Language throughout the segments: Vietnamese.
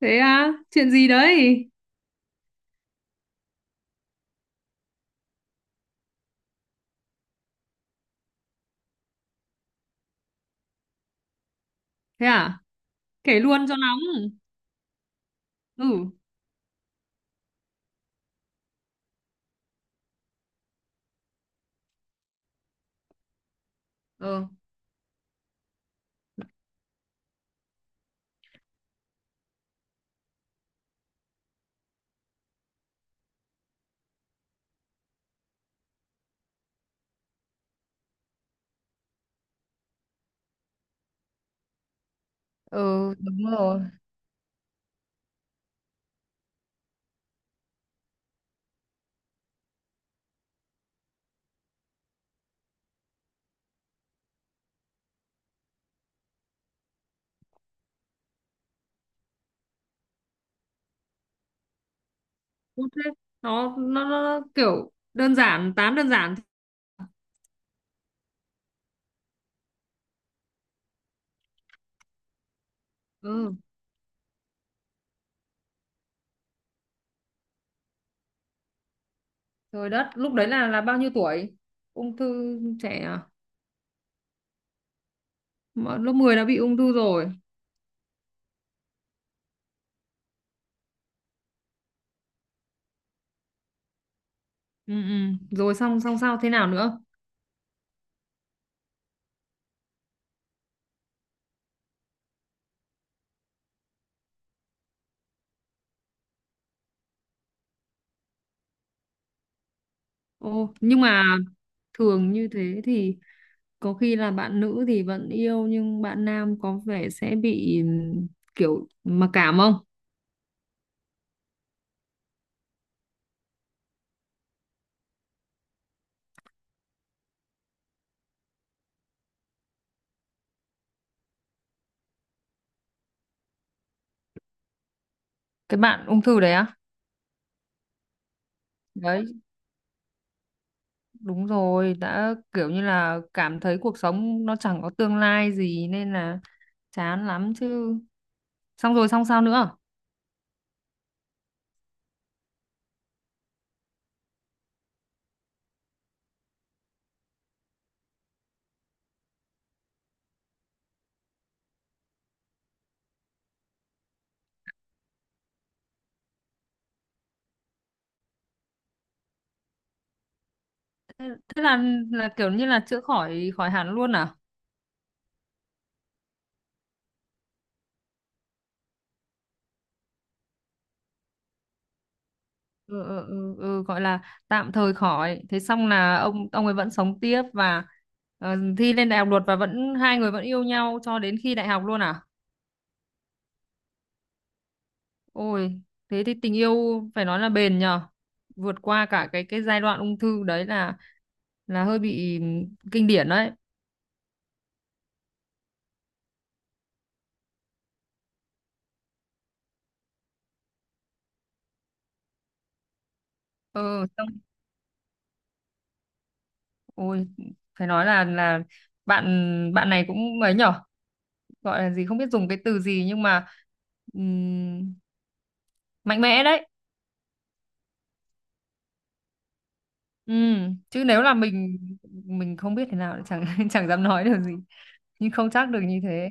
Thế à? Chuyện gì đấy? Thế à? Kể luôn cho nóng. Ừ. ừ ừ, đúng rồi. Tốt thế. Nó kiểu đơn giản, tám đơn giản. Ừ. Trời đất, lúc đấy là bao nhiêu tuổi? Ung thư trẻ à? Mà lớp 10 đã bị ung thư rồi. Ừ. Rồi, xong xong sao thế nào nữa? Ồ, nhưng mà thường như thế thì có khi là bạn nữ thì vẫn yêu nhưng bạn nam có vẻ sẽ bị kiểu mặc cảm không? Cái bạn ung thư đấy á? Đấy, đúng rồi, đã kiểu như là cảm thấy cuộc sống nó chẳng có tương lai gì nên là chán lắm chứ. Xong rồi xong sao nữa? Thế là kiểu như là chữa khỏi, khỏi hẳn luôn à? Ừ, gọi là tạm thời khỏi. Thế xong là ông ấy vẫn sống tiếp và thi lên đại học luật và vẫn hai người vẫn yêu nhau cho đến khi đại học luôn à? Ôi, thế thì tình yêu phải nói là bền nhờ. Vượt qua cả cái giai đoạn ung thư đấy là hơi bị kinh điển đấy. Ờ, xong ôi, phải nói là bạn bạn này cũng ấy nhở, gọi là gì không biết dùng cái từ gì nhưng mà ừm, mạnh mẽ đấy. Ừ, chứ nếu là mình không biết thế nào thì chẳng chẳng dám nói được gì, nhưng không chắc được như thế.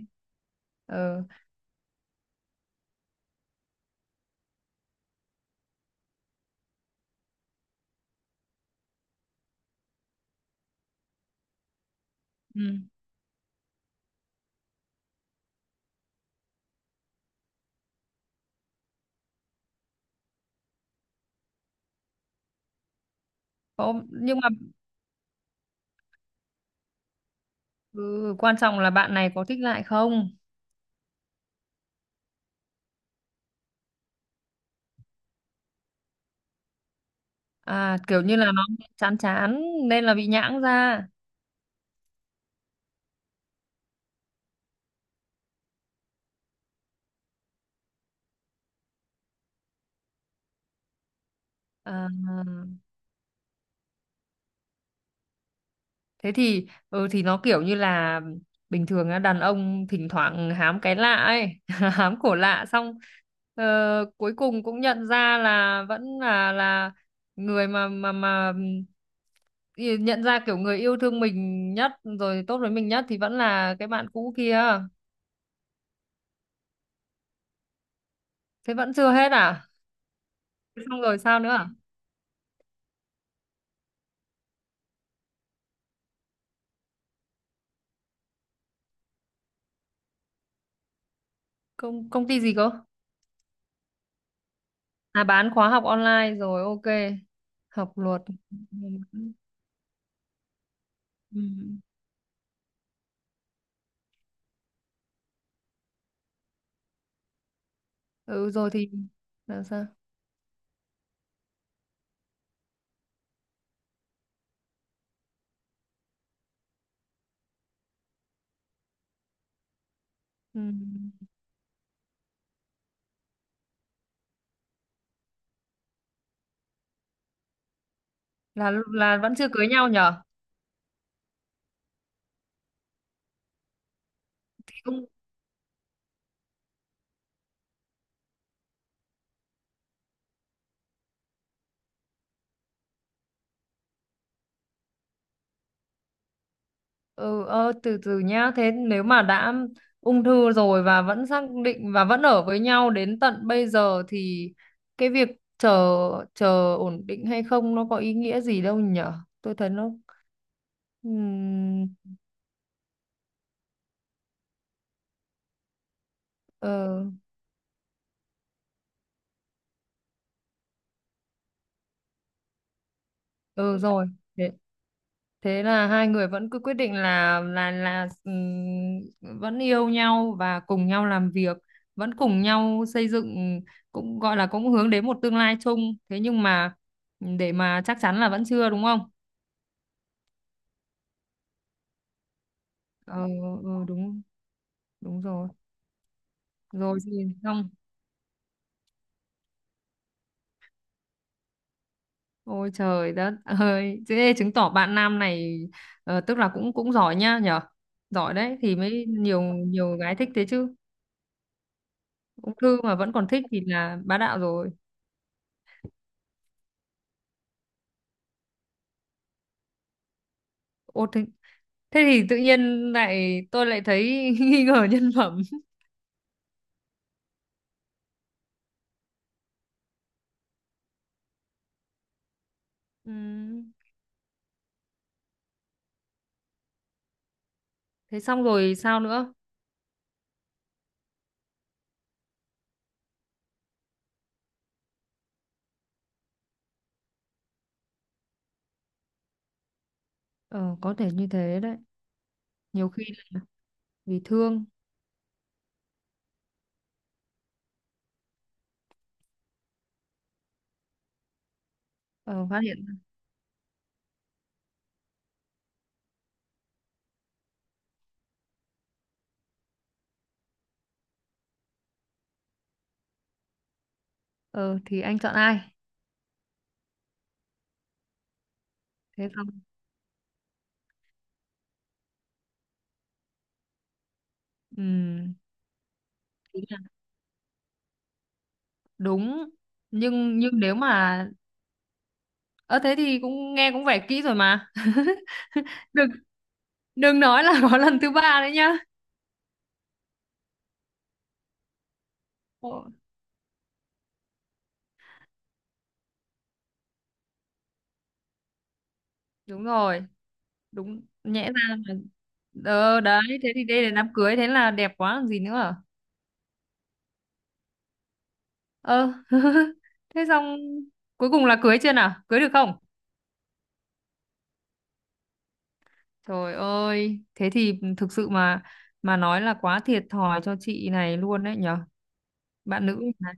Ờ. Ừ. Có, nhưng mà. Ừ, quan trọng là bạn này có thích lại không? À, kiểu như là nó chán chán nên là bị nhãng ra. À, thế thì thì nó kiểu như là bình thường á, đàn ông thỉnh thoảng hám cái lạ ấy, hám cổ lạ xong ờ, cuối cùng cũng nhận ra là vẫn là người mà ý- nhận ra kiểu người yêu thương mình nhất rồi tốt với mình nhất thì vẫn là cái bạn cũ kia. Thế vẫn chưa hết à? Xong rồi sao nữa à? Công công ty gì cơ? À, bán khóa học online rồi, ok. Học luật. Ừ. Ừ rồi thì là sao? Ừ. Là vẫn chưa cưới nhau nhở? Cũng ừ ờ, từ từ nhá. Thế nếu mà đã ung thư rồi và vẫn xác định và vẫn ở với nhau đến tận bây giờ thì cái việc chờ chờ ổn định hay không nó có ý nghĩa gì đâu nhở? Tôi thấy nó ừ, ờ. Ừ rồi. Thế là hai người vẫn cứ quyết định là là vẫn yêu nhau và cùng nhau làm việc, vẫn cùng nhau xây dựng cũng gọi là cũng hướng đến một tương lai chung. Thế nhưng mà để mà chắc chắn là vẫn chưa đúng không? Ờ ừ, đúng đúng rồi. Rồi gì không? Ôi trời đất ơi, thế chứng tỏ bạn nam này tức là cũng cũng giỏi nhá nhở. Giỏi đấy thì mới nhiều nhiều gái thích thế chứ. Ung thư mà vẫn còn thích thì là bá đạo rồi. Ô thế, thế thì tự nhiên tôi lại thấy nghi ngờ nhân phẩm. Ừ. Thế xong rồi sao nữa? Ờ, có thể như thế đấy. Nhiều khi lại vì thương. Ờ, phát hiện. Ờ thì anh chọn ai? Thế xong. Ừ. Ý là đúng. Nhưng nếu mà ờ thế thì cũng nghe cũng vẻ kỹ rồi mà. Đừng, đừng nói là có lần thứ ba đấy nhá. Ồ, đúng rồi, đúng nhẽ ra là. Ờ đấy, thế thì đây là đám cưới thế là đẹp quá còn gì nữa. Ờ. Thế xong cuối cùng là cưới chưa nào? Cưới được không? Trời ơi, thế thì thực sự mà nói là quá thiệt thòi cho chị này luôn đấy nhở. Bạn nữ này.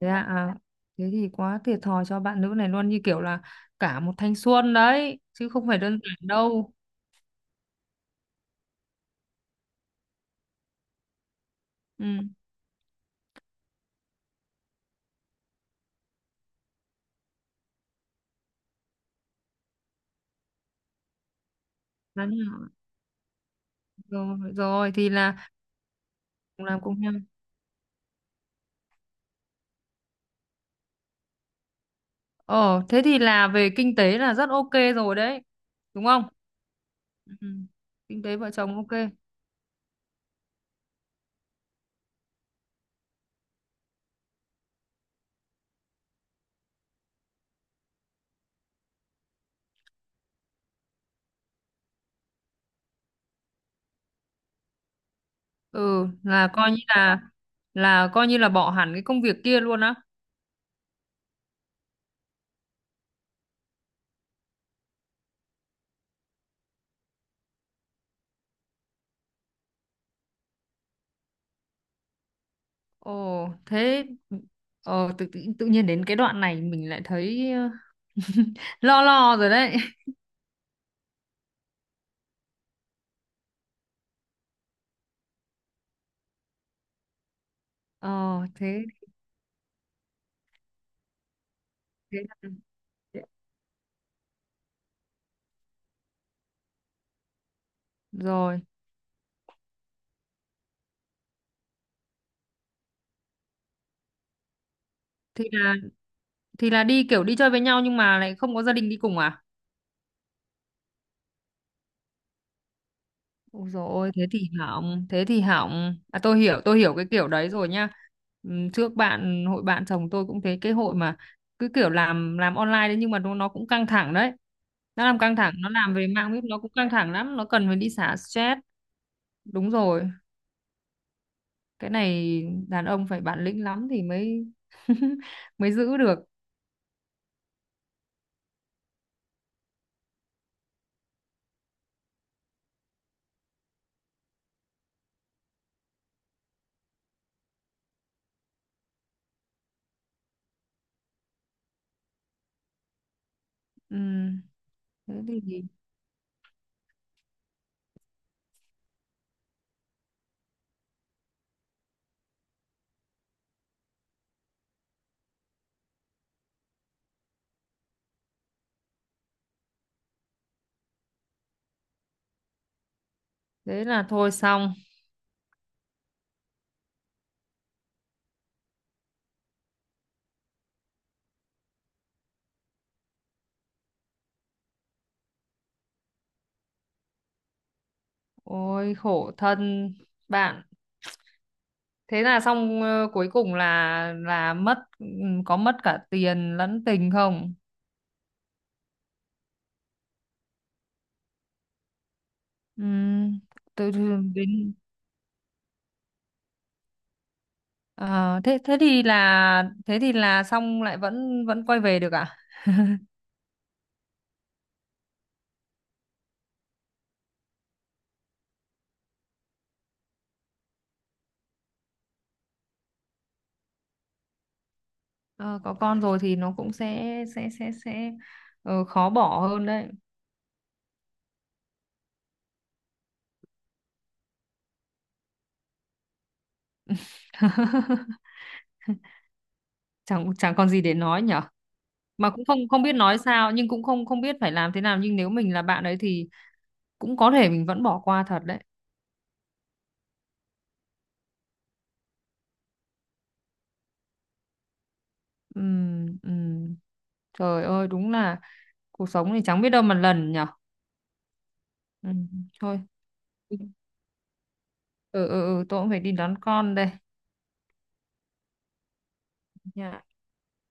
Thế à, à, thế thì quá thiệt thòi cho bạn nữ này luôn như kiểu là cả một thanh xuân đấy chứ không phải đơn giản đâu. Ừ. Đấy nhở. Rồi, rồi thì là cùng làm cùng nhau. Ờ, thế thì là về kinh tế là rất ok rồi đấy. Đúng không? Ừ. Kinh tế vợ chồng ok. Ừ, là coi như là coi như là bỏ hẳn cái công việc kia luôn á. Ồ thế. Ờ tự, tự nhiên đến cái đoạn này mình lại thấy ờ, lo lo rồi đấy. Ờ thế. Thế là-. Rồi thì là thì là đi kiểu đi chơi với nhau nhưng mà lại không có gia đình đi cùng à? Ôi dồi ôi, thế thì hỏng, thế thì hỏng. À tôi hiểu cái kiểu đấy rồi nhá. Trước bạn hội bạn chồng tôi cũng thế, cái hội mà cứ kiểu làm online đấy nhưng mà nó cũng căng thẳng đấy. Nó làm căng thẳng, nó làm về mạng web nó cũng căng thẳng lắm, nó cần phải đi xả stress. Đúng rồi, cái này đàn ông phải bản lĩnh lắm thì mới mới giữ được. Ừm, thế thì thế là thôi xong. Ôi khổ thân bạn, thế là xong ờ, cuối cùng là mất, có mất cả tiền lẫn tình không? Ừm, từ từ-. Đến ờ, thế thế thì là xong lại vẫn vẫn quay về được à? Ờ, có con rồi thì nó cũng sẽ ờ, khó bỏ hơn đấy. chẳng chẳng còn gì để nói nhở. Mà cũng không không biết nói sao nhưng cũng không không biết phải làm thế nào nhưng nếu mình là bạn ấy thì cũng có thể mình vẫn bỏ qua thật đấy. Ừm. Trời ơi đúng là cuộc sống thì chẳng biết đâu mà lần nhở. Ừ, thôi. Ừ, ừ, ừ, tôi cũng phải đi đón con đây. Dạ.